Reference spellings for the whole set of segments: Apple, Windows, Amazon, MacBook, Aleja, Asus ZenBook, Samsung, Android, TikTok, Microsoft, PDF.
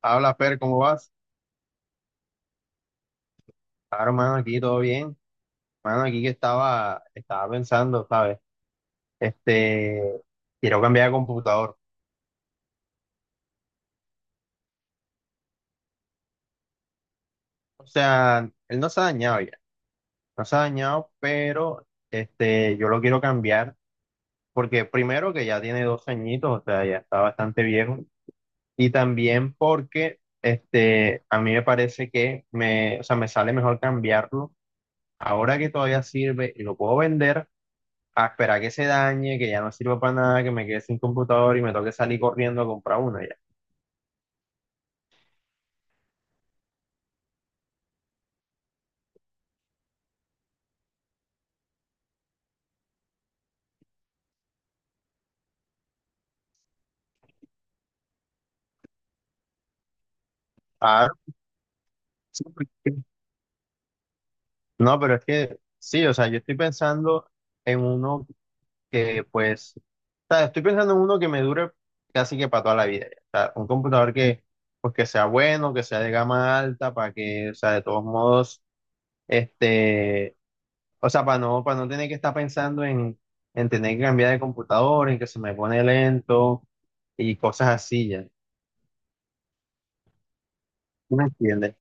Habla, Fer, ¿cómo vas? Claro, mano, aquí todo bien. Mano, aquí que estaba pensando, ¿sabes? Este, quiero cambiar de computador. O sea, él no se ha dañado ya, no se ha dañado, pero este, yo lo quiero cambiar porque primero que ya tiene 2 añitos, o sea, ya está bastante viejo. Y también porque este, a mí me parece que me, o sea, me sale mejor cambiarlo ahora que todavía sirve y lo puedo vender a esperar que se dañe, que ya no sirva para nada, que me quede sin computador y me toque salir corriendo a comprar uno ya. Ah, sí, no, pero es que sí, o sea, yo estoy pensando en uno que pues, o sea, estoy pensando en uno que me dure casi que para toda la vida, ya. O sea, un computador que pues que sea bueno, que sea de gama alta, para que, o sea, de todos modos, este, o sea, para no tener que estar pensando en tener que cambiar de computador, en que se me pone lento y cosas así ya. ¿Sí? ¿Me entiendes?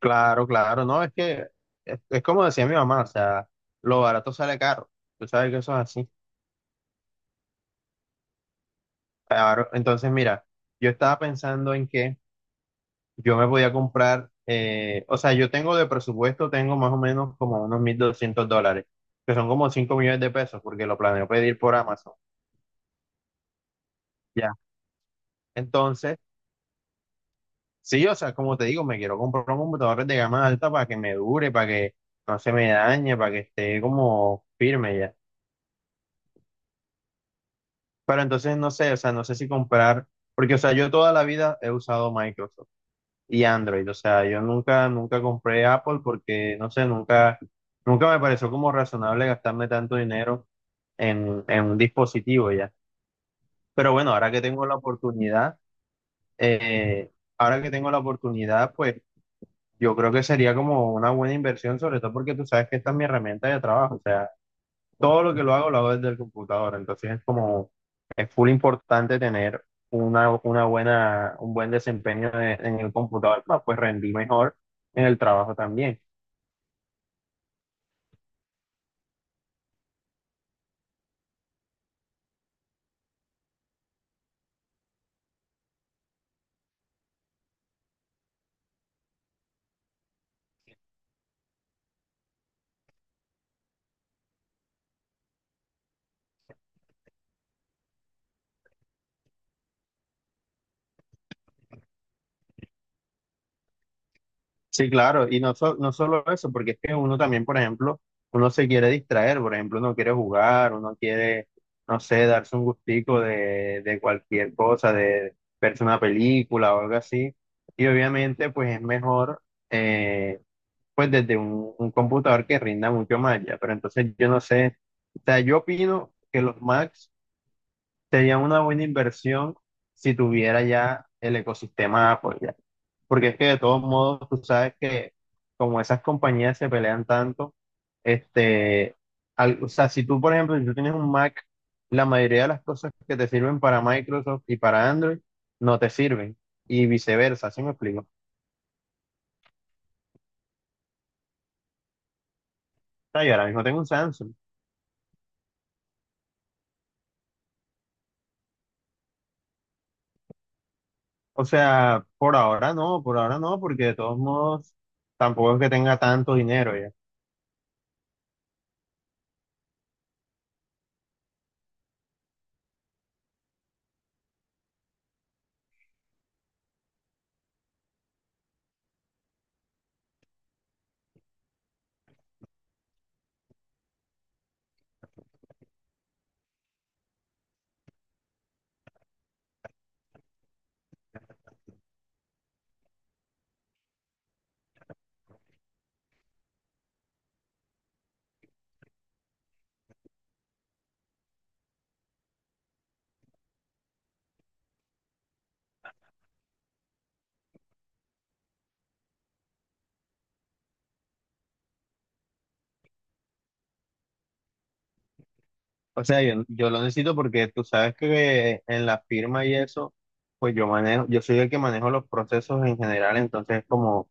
Claro, claro, no, es que es como decía mi mamá, o sea, lo barato sale caro, tú sabes que eso es así. Claro, entonces mira, yo estaba pensando en que yo me podía comprar, o sea, yo tengo de presupuesto, tengo más o menos como unos 1.200 dólares, que son como 5 millones de pesos, porque lo planeo pedir por Amazon, ya. Entonces, sí, o sea, como te digo, me quiero comprar un computador de gama alta para que me dure, para que no se me dañe, para que esté como firme. Pero entonces no sé, o sea, no sé si comprar, porque, o sea, yo toda la vida he usado Microsoft y Android, o sea, yo nunca, nunca compré Apple porque, no sé, nunca, nunca me pareció como razonable gastarme tanto dinero en un dispositivo ya. Pero bueno, ahora que tengo la oportunidad, eh, ahora que tengo la oportunidad, pues yo creo que sería como una buena inversión, sobre todo porque tú sabes que esta es mi herramienta de trabajo, o sea todo lo que lo hago desde el computador. Entonces es como, es full importante tener una buena, un buen desempeño en el computador, para pues rendir mejor en el trabajo también. Sí, claro, y no, no solo eso, porque es que uno también, por ejemplo, uno se quiere distraer, por ejemplo, uno quiere jugar, uno quiere, no sé, darse un gustico de cualquier cosa, de verse una película o algo así. Y obviamente, pues es mejor, eh, pues desde un computador que rinda mucho más ya. Pero entonces yo no sé, o sea, yo opino que los Macs serían una buena inversión si tuviera ya el ecosistema Apple ya. Porque es que de todos modos, tú sabes que como esas compañías se pelean tanto, este, o sea, si tú, por ejemplo, si tú tienes un Mac, la mayoría de las cosas que te sirven para Microsoft y para Android no te sirven. Y viceversa, ¿sí me explico? O sea, yo ahora mismo tengo un Samsung. O sea, por ahora no, porque de todos modos tampoco es que tenga tanto dinero ya. O sea, yo lo necesito porque tú sabes que en la firma y eso, pues yo manejo, yo soy el que manejo los procesos en general, entonces como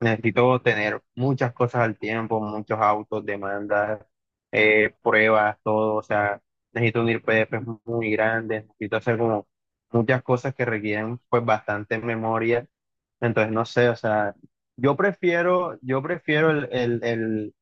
necesito tener muchas cosas al tiempo, muchos autos, demandas, pruebas, todo. O sea, necesito unir PDFs muy grandes, necesito hacer como muchas cosas que requieren pues bastante memoria. Entonces, no sé, o sea, yo prefiero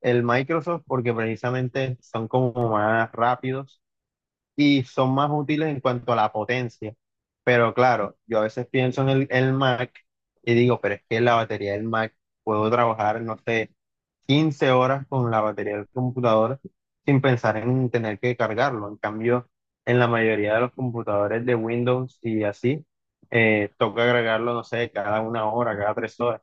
el Microsoft porque precisamente son como más rápidos y son más útiles en cuanto a la potencia. Pero claro, yo a veces pienso en el Mac y digo, pero es que la batería del Mac puedo trabajar, no sé, 15 horas con la batería del computador sin pensar en tener que cargarlo. En cambio, en la mayoría de los computadores de Windows y así, toca agregarlo, no sé, cada 1 hora, cada 3 horas.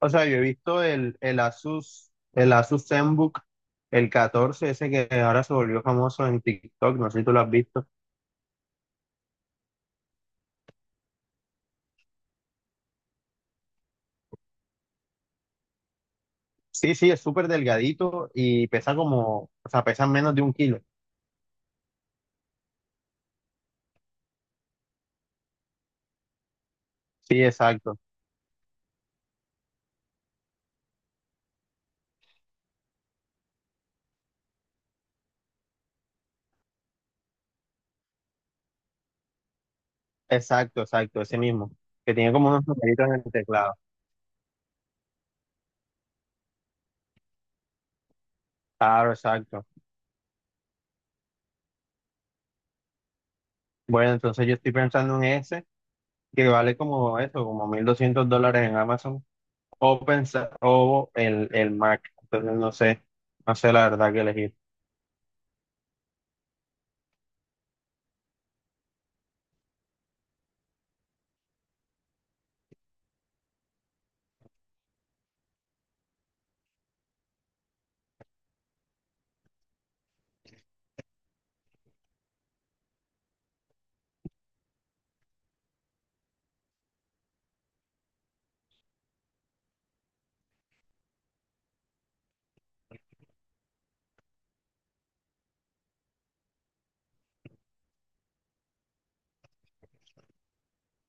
O sea, yo he visto el Asus ZenBook, el 14 ese que ahora se volvió famoso en TikTok, no sé si tú lo has visto. Sí, sí, es súper delgadito y pesa como, o sea, pesa menos de 1 kilo. Sí, exacto, ese mismo, que tiene como unos numeritos en el teclado. Claro, exacto. Bueno, entonces yo estoy pensando en ese, que vale como eso, como 1.200 dólares en Amazon, o, pensar, o el Mac, entonces no sé, no sé la verdad que elegir.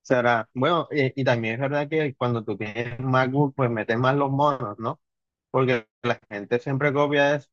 Será, bueno, y, también es verdad que cuando tú tienes MacBook, pues metes más los monos, ¿no? Porque la gente siempre copia eso.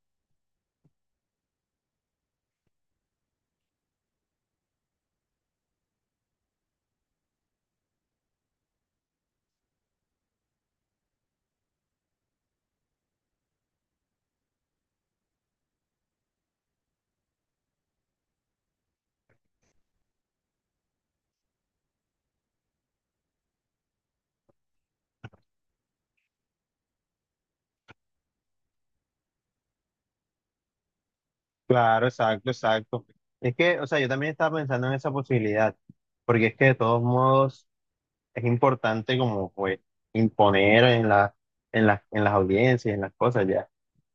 Claro, exacto, exacto. Es que, o sea, yo también estaba pensando en esa posibilidad, porque es que de todos modos es importante como pues imponer en la, en las audiencias, en las cosas ya.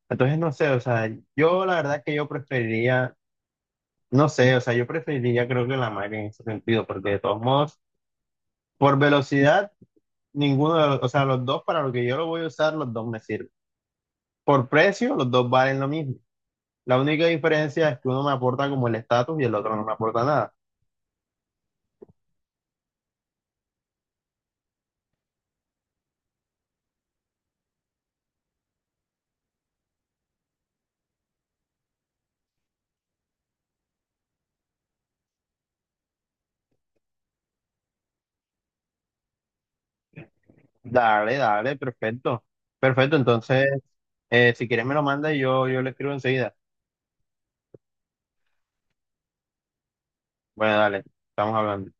Entonces, no sé, o sea, yo la verdad es que yo preferiría, no sé, o sea, yo preferiría creo que la Mac en ese sentido, porque de todos modos, por velocidad. Ninguno de los, o sea, los dos para lo que yo lo voy a usar, los dos me sirven. Por precio, los dos valen lo mismo. La única diferencia es que uno me aporta como el estatus y el otro no me aporta nada. Dale, dale, perfecto. Perfecto, entonces, si quieres me lo manda y yo le escribo enseguida. Bueno, dale, estamos hablando.